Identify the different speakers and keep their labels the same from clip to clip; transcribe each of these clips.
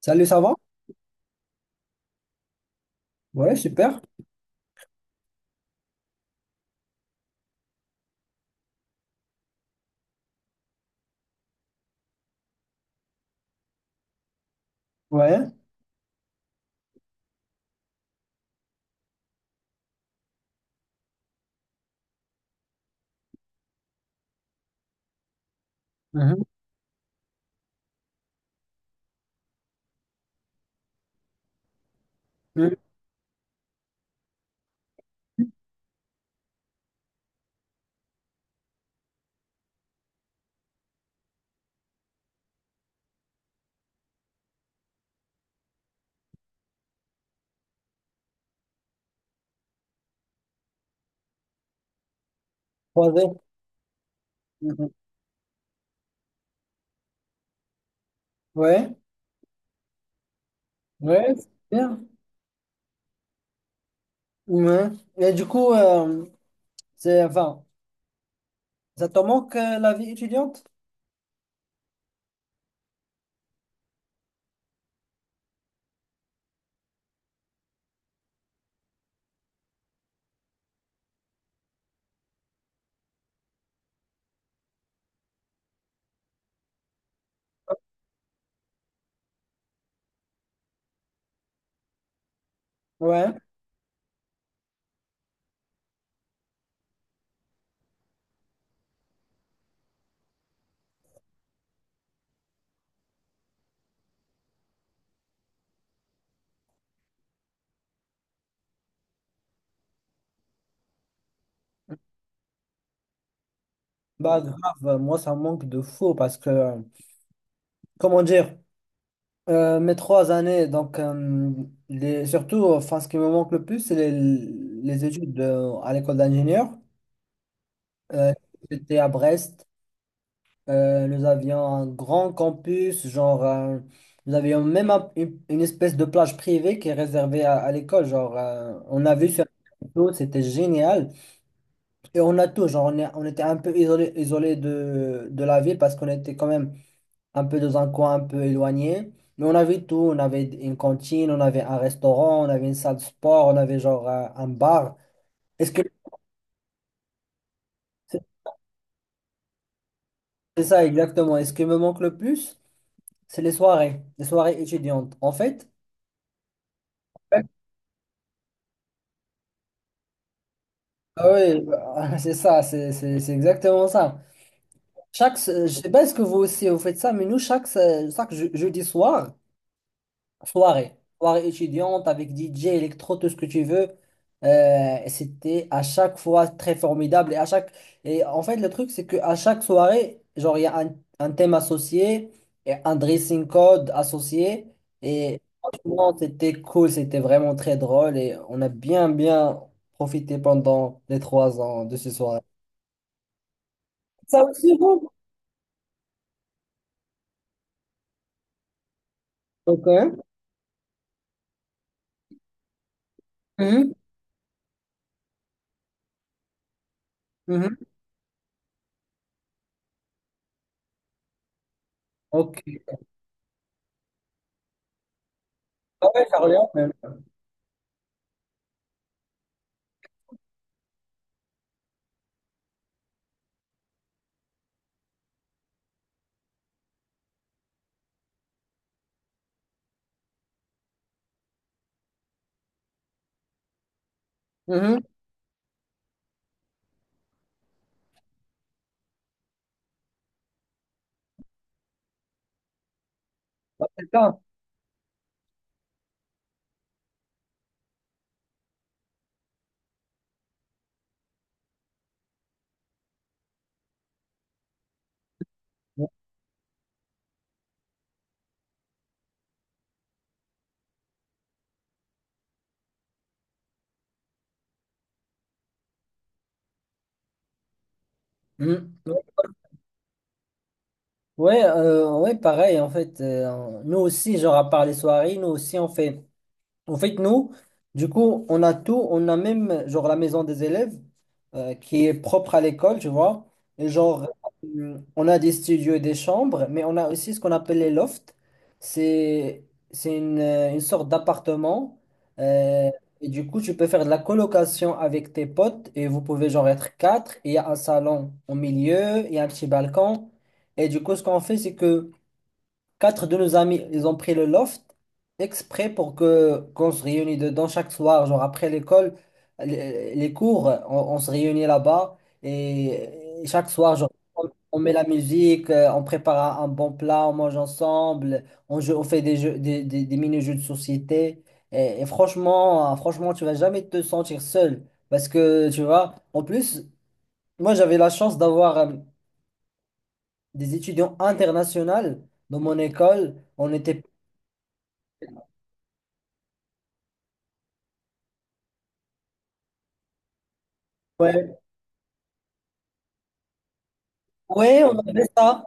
Speaker 1: Salut, ça va? Ouais, super. Ouais. Mhm. Mhm. Croisé. Mhm. Ouais. Ouais, super. Ouais. Et du coup, enfin, ça te manque la vie étudiante? Ouais. Bah, grave, moi, ça me manque de fou parce que, comment dire, mes 3 années, donc, surtout, enfin, ce qui me manque le plus, c'est les études à l'école d'ingénieur. Euh, J'étais à Brest. Nous avions un grand campus, genre, nous avions même une espèce de plage privée qui est réservée à l'école. Genre, on a vu sur les photos, c'était génial. Et on a tout, genre, on était un peu isolé de la ville parce qu'on était quand même un peu dans un coin un peu éloigné. Mais on avait tout, on avait une cantine, on avait un restaurant, on avait une salle de sport, on avait genre un bar. Est-ce que c'est c'est ça exactement? Est-ce qui me manque le plus? C'est les soirées étudiantes. En fait, ah oui, bah, c'est ça, c'est exactement ça. Chaque, je sais pas est-ce que vous aussi vous faites ça, mais nous, chaque jeudi soir, soirée étudiante avec DJ, électro, tout ce que tu veux, et c'était à chaque fois très formidable. Et en fait, le truc, c'est qu'à chaque soirée, genre, il y a un thème associé, et un dressing code associé. Et franchement, c'était cool, c'était vraiment très drôle et on a bien, bien profité pendant les 3 ans de ce soir. Ça aussi vous? Ok. Mhm, mhm, Ok. Ah ouais, Charleroi même. Mhm. Ah, c'est ça. Mhm. Ouais, pareil en fait. Nous aussi, genre à part les soirées, nous aussi on fait. En fait, nous, du coup, on a tout. On a même, genre, la maison des élèves qui est propre à l'école, tu vois. Et genre, on a des studios et des chambres, mais on a aussi ce qu'on appelle les lofts. C'est, c'est une sorte d'appartement. euh, et du coup, tu peux faire de la colocation avec tes potes et vous pouvez, genre, être quatre. Et il y a un salon au milieu, il y a un petit balcon. Et du coup, ce qu'on fait, c'est que quatre de nos amis, ils ont pris le loft exprès pour que qu'on se réunisse dedans chaque soir, genre après l'école, les cours, on se réunit là-bas et chaque soir, genre, on, on met la musique, on prépare un bon plat, on mange ensemble, joue, on fait des jeux, des mini-jeux de société et franchement, franchement, tu vas jamais te sentir seul parce que tu vois, en plus, moi j'avais la chance d'avoir des étudiants internationaux dans mon école, on était Ouais, Oui, on avait ça.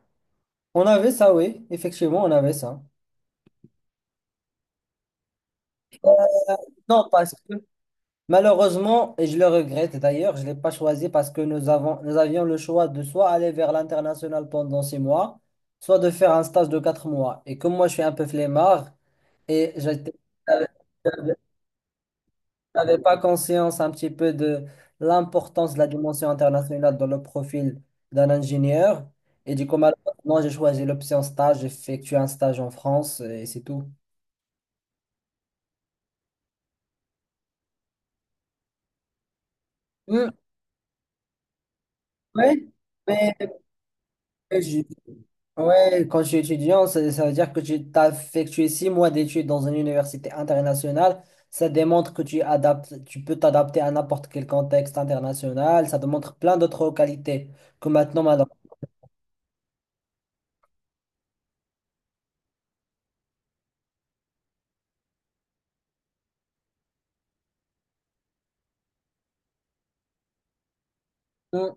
Speaker 1: On avait ça, oui. Effectivement, on avait ça. Non, parce que malheureusement, et je le regrette d'ailleurs, je ne l'ai pas choisi parce que nous avions le choix de soit aller vers l'international pendant 6 mois, soit de faire un stage de 4 mois. Et comme moi, je suis un peu flemmard et j'avais j'avais pas conscience un petit peu de l'importance de la dimension internationale dans le profil d'un ingénieur. Et du coup, malheureusement, j'ai choisi l'option stage, j'ai effectué un stage en France et c'est tout. Ouais, mais mais je- ouais, quand je suis étudiant, ça veut dire que tu as effectué 6 mois d'études dans une université internationale. Ça démontre que tu adaptes, tu peux t'adapter à n'importe quel contexte international. Ça démontre plein d'autres qualités que maintenant, maintenant. Hmm.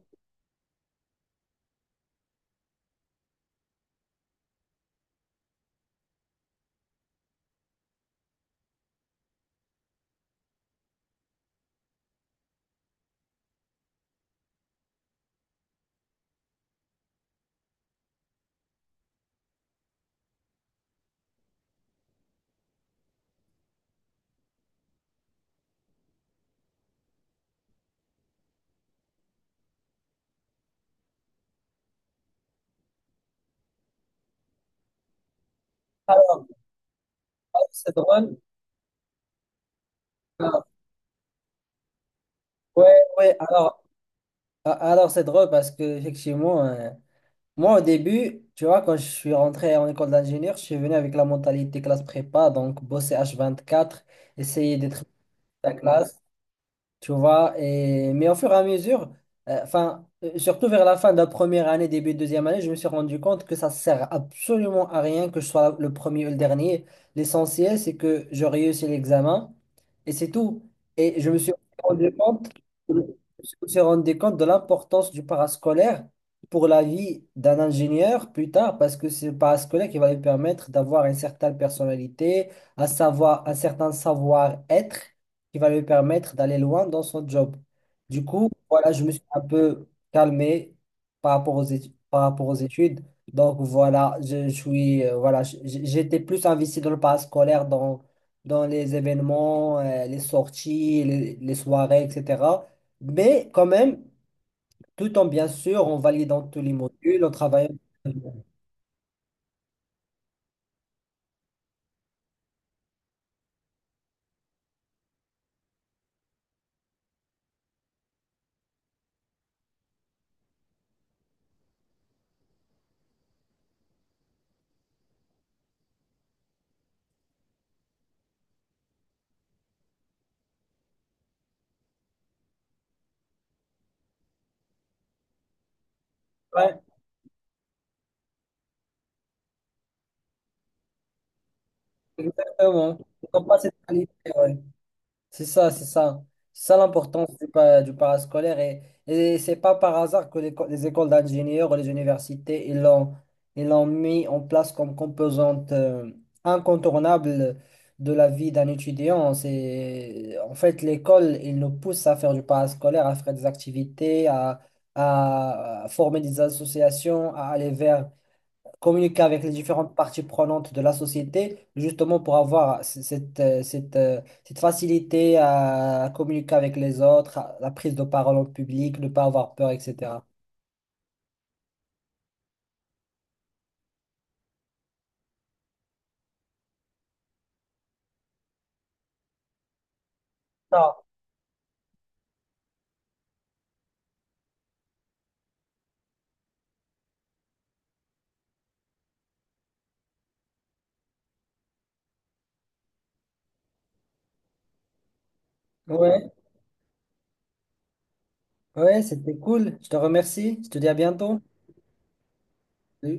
Speaker 1: Alors, c'est drôle. Ah, ouais, ouais, alors c'est drôle parce que, effectivement, moi, au début, tu vois, quand je suis rentré en école d'ingénieur, je suis venu avec la mentalité classe prépa, donc bosser h 24, essayer d'être la classe. Tu vois. Mais au fur et à mesure, enfin, surtout vers la fin de la première année, début de deuxième année, je me suis rendu compte que ça sert absolument à rien que je sois le premier ou le dernier. L'essentiel, c'est que je réussis l'examen et c'est tout. Et rendu compte, je me suis rendu compte de l'importance du parascolaire pour la vie d'un ingénieur plus tard, parce que c'est le parascolaire qui va lui permettre d'avoir une certaine personnalité, un savoir, un certain savoir-être qui va lui permettre d'aller loin dans son job. Du coup, voilà, je me suis un peu calmé par rapport aux études. Donc voilà, je suis voilà, j'étais plus investi dans le parascolaire, dans les événements, les sorties, les soirées, etc. Mais quand même, tout en bien sûr, en validant tous les modules, en travaillant. Ouais, exactement. Donc, pas cette qualité, ouais. C'est ça, c'est ça. C'est ça l'importance du parascolaire. Et c'est pas par hasard que les écoles d'ingénieurs ou les universités, ils l'ont mis en place comme composante incontournable de la vie d'un étudiant. C'est, en fait, l'école, il nous pousse à faire du parascolaire, à faire des activités, à former des associations, à aller vers communiquer avec les différentes parties prenantes de la société, justement pour avoir cette facilité à communiquer avec les autres, à la prise de parole en public, ne pas avoir peur, etc. Ah, ouais, ouais, c'était cool. Je te remercie. Je te dis à bientôt. Salut.